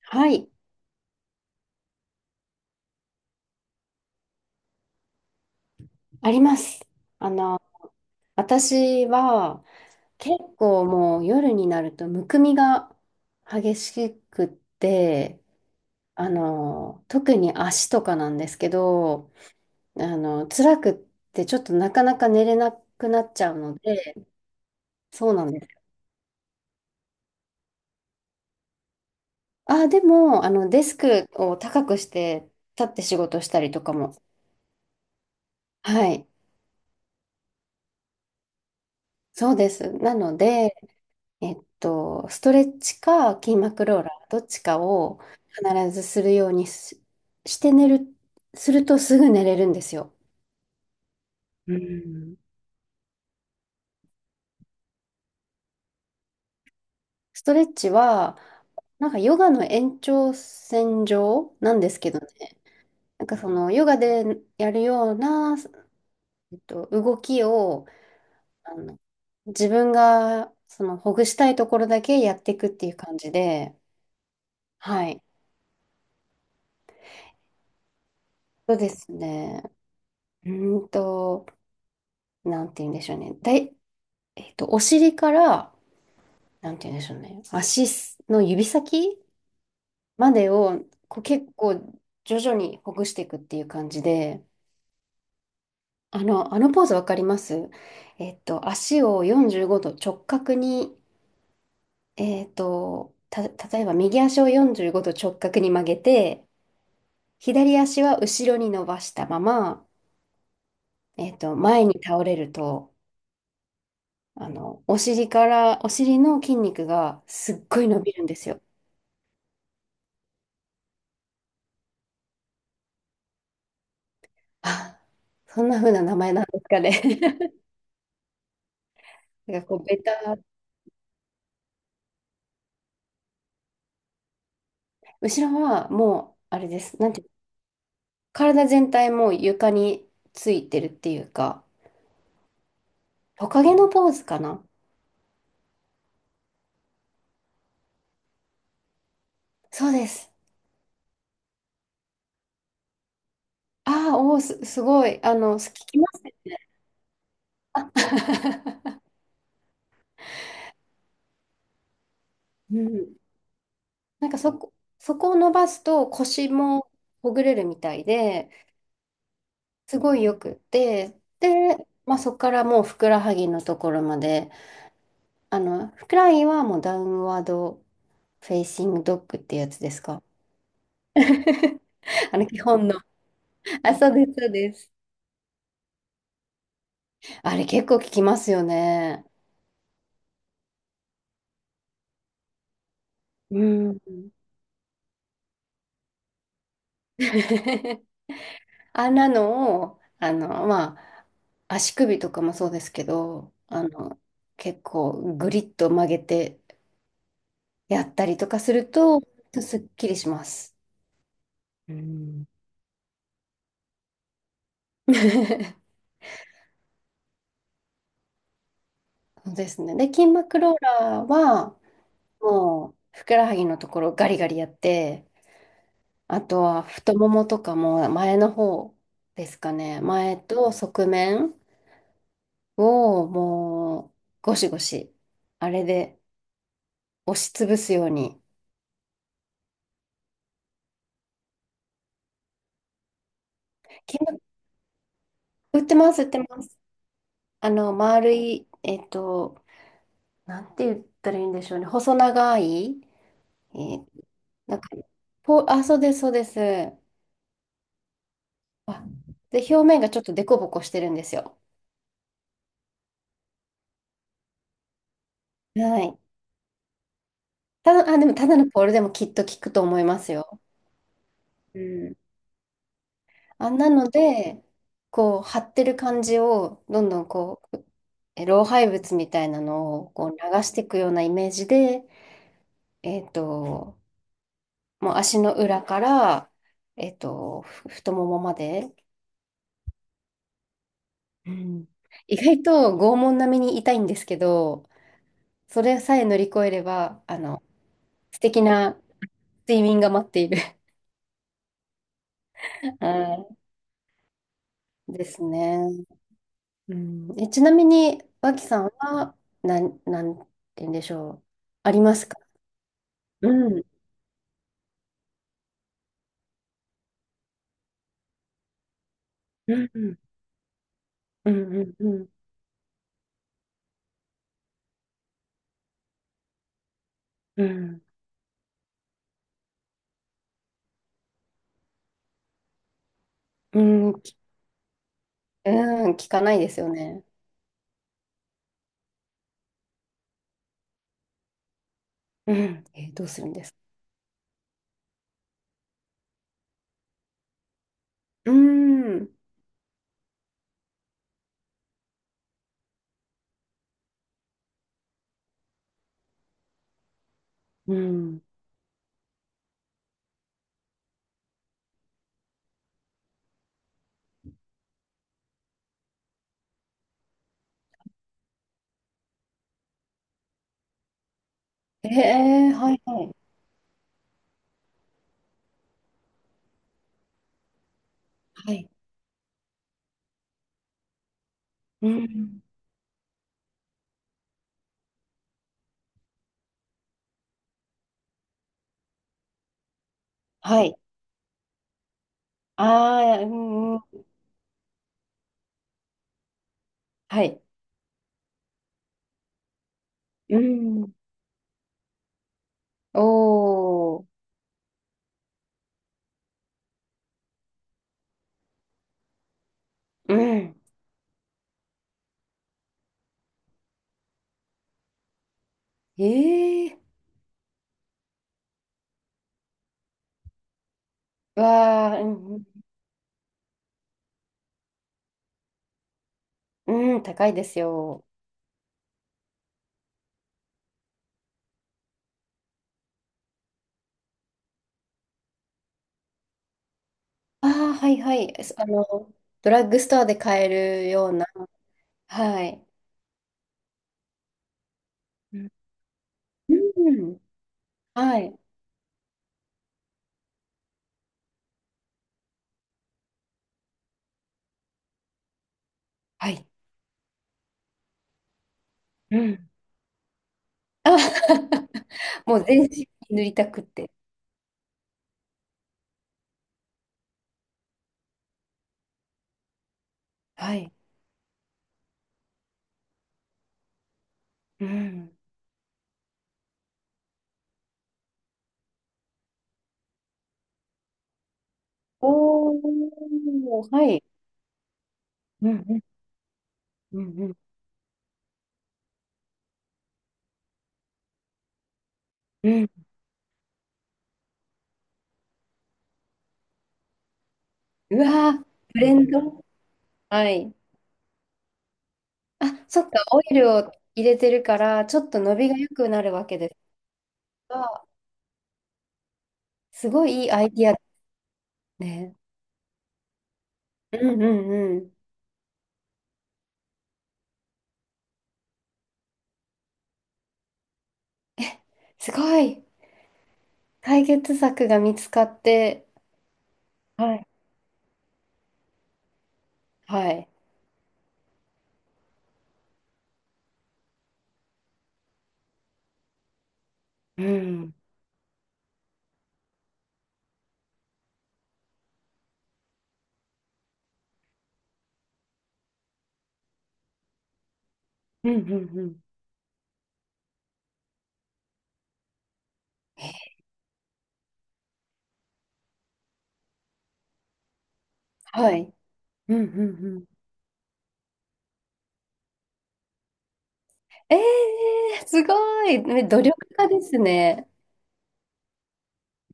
はい、あります。あの、私は結構もう夜になるとむくみが激しくって、特に足とかなんですけど、辛くってちょっとなかなか寝れなくなっちゃうので。そうなんです。あ、でも、デスクを高くして立って仕事したりとかも。はい、そうです。なので、ストレッチか筋膜ローラー、どっちかを必ずするようにし、して寝る、するとすぐ寝れるんですよ。うん。ストレッチは、なんかヨガの延長線上なんですけどね、なんかそのヨガでやるような、動きを、あの、自分がそのほぐしたいところだけやっていくっていう感じで。はい。そうですね。うーんと、なんて言うんでしょうね。だえっと、お尻から、なんて言うんでしょうね、足の指先までをこう結構徐々にほぐしていくっていう感じで。あのポーズわかります？足を45度直角に、例えば右足を45度直角に曲げて、左足は後ろに伸ばしたまま、前に倒れると、お尻から、お尻の筋肉がすっごい伸びるんですよ。あ、そんな風な名前なんですかね。なんかこう、後ろはもう、あれです。なんていう、体全体もう床についてるっていうか、トカゲのポーズかな。そうです。ああ、おお、すごい。聞きますね。うん。なんかそこを伸ばすと腰もほぐれるみたいで、すごいよくって、で、まあ、そこからもうふくらはぎのところまで、フライはもうダウンワードフェイシングドッグってやつですか？ 基本の。あ、そうです、そうです。あれ結構聞きますよね。うん。あんなのを、あの、まあ、足首とかもそうですけど、結構グリッと曲げてやったりとかすると、すっきりします。うん。そうですね。で、筋膜ローラーは、もう、ふくらはぎのところガリガリやって、あとは太ももとかも前の方ですかね。前と側面をもうゴシゴシ、あれで押しつぶすように。筋膜、売ってます、売ってます。丸い、なんて言ったらいいんでしょうね。細長い、えーなんか、そうです、そうです。あ、で、表面がちょっとデコボコしてるんですよ。はい。ただ、あ、でもただのポールでもきっと効くと思いますよ。うん。あ、なので、こう、張ってる感じを、どんどんこう、老廃物みたいなのをこう流していくようなイメージで、えっと、もう足の裏から、太ももまで、うん、意外と拷問並みに痛いんですけど、それさえ乗り越えれば、素敵な睡眠が待っている。 はいですね。うん、ちなみに、脇さんは、なんて言うんでしょう。ありますか？うんうんうんうんうん、うんうんきうん聞かないですよね。うん、どうするんですか？うん、うん。えー、はいはい。はい。うん、はい。ああ、うん、うん。はい。うん。おー、うん。ええー、わあ、うんうん。うん、高いですよ。ああ、はいはい。あの、ドラッグストアで買えるような。はい。うん、はい。はい。うん。あ。 もう全身に塗りたくって。はい。うん。おー、はい。うん、うん、うん、うん。うん。うわー、ブレンド。はい。あ、そっか、オイルを入れてるから、ちょっと伸びが良くなるわけですが、すごいいいアイディアですね。うん、うん、うん。すごい、解決策が見つかって、はい。はい。うん。うん、うん、うん。はい。うん、うん、うん。ええ、すごい。ね、努力家ですね。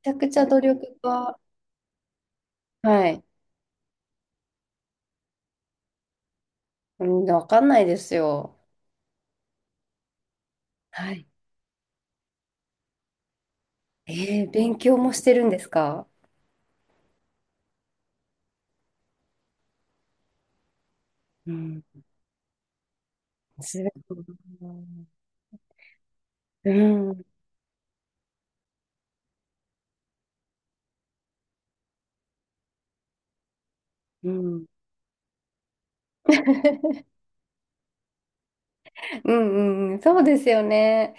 めちゃくちゃ努力家。はい。うん、わかんないですよ。はい。勉強もしてるんですか？うん。すごい。うん。うん。うんうん、そうですよね。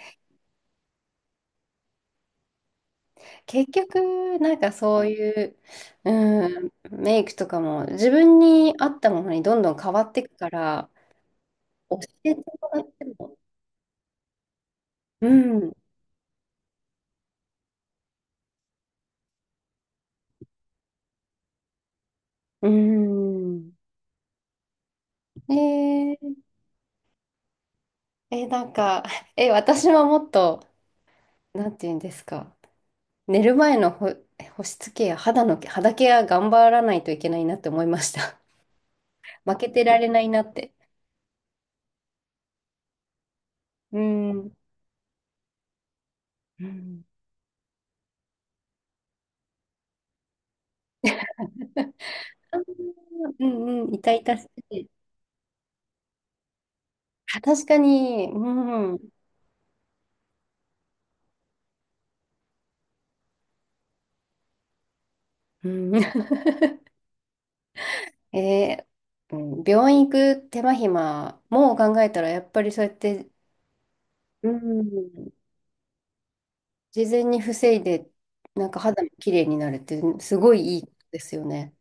結局、なんかそういう、うん、メイクとかも自分に合ったものにどんどん変わっていくから、教えてもらっても、うん、うん。ええ、なんか、私はもっと、なんて言うんですか、寝る前の保湿ケア、肌ケア頑張らないといけないなって思いました。負けてられないなって。うん。うん。うんうん、痛々しい。あ確かに、うん。うん、えーうん、病院行く手間暇も考えたら、やっぱりそうやって、うん、事前に防いで、なんか肌も綺麗になるって、すごいいいことですよね。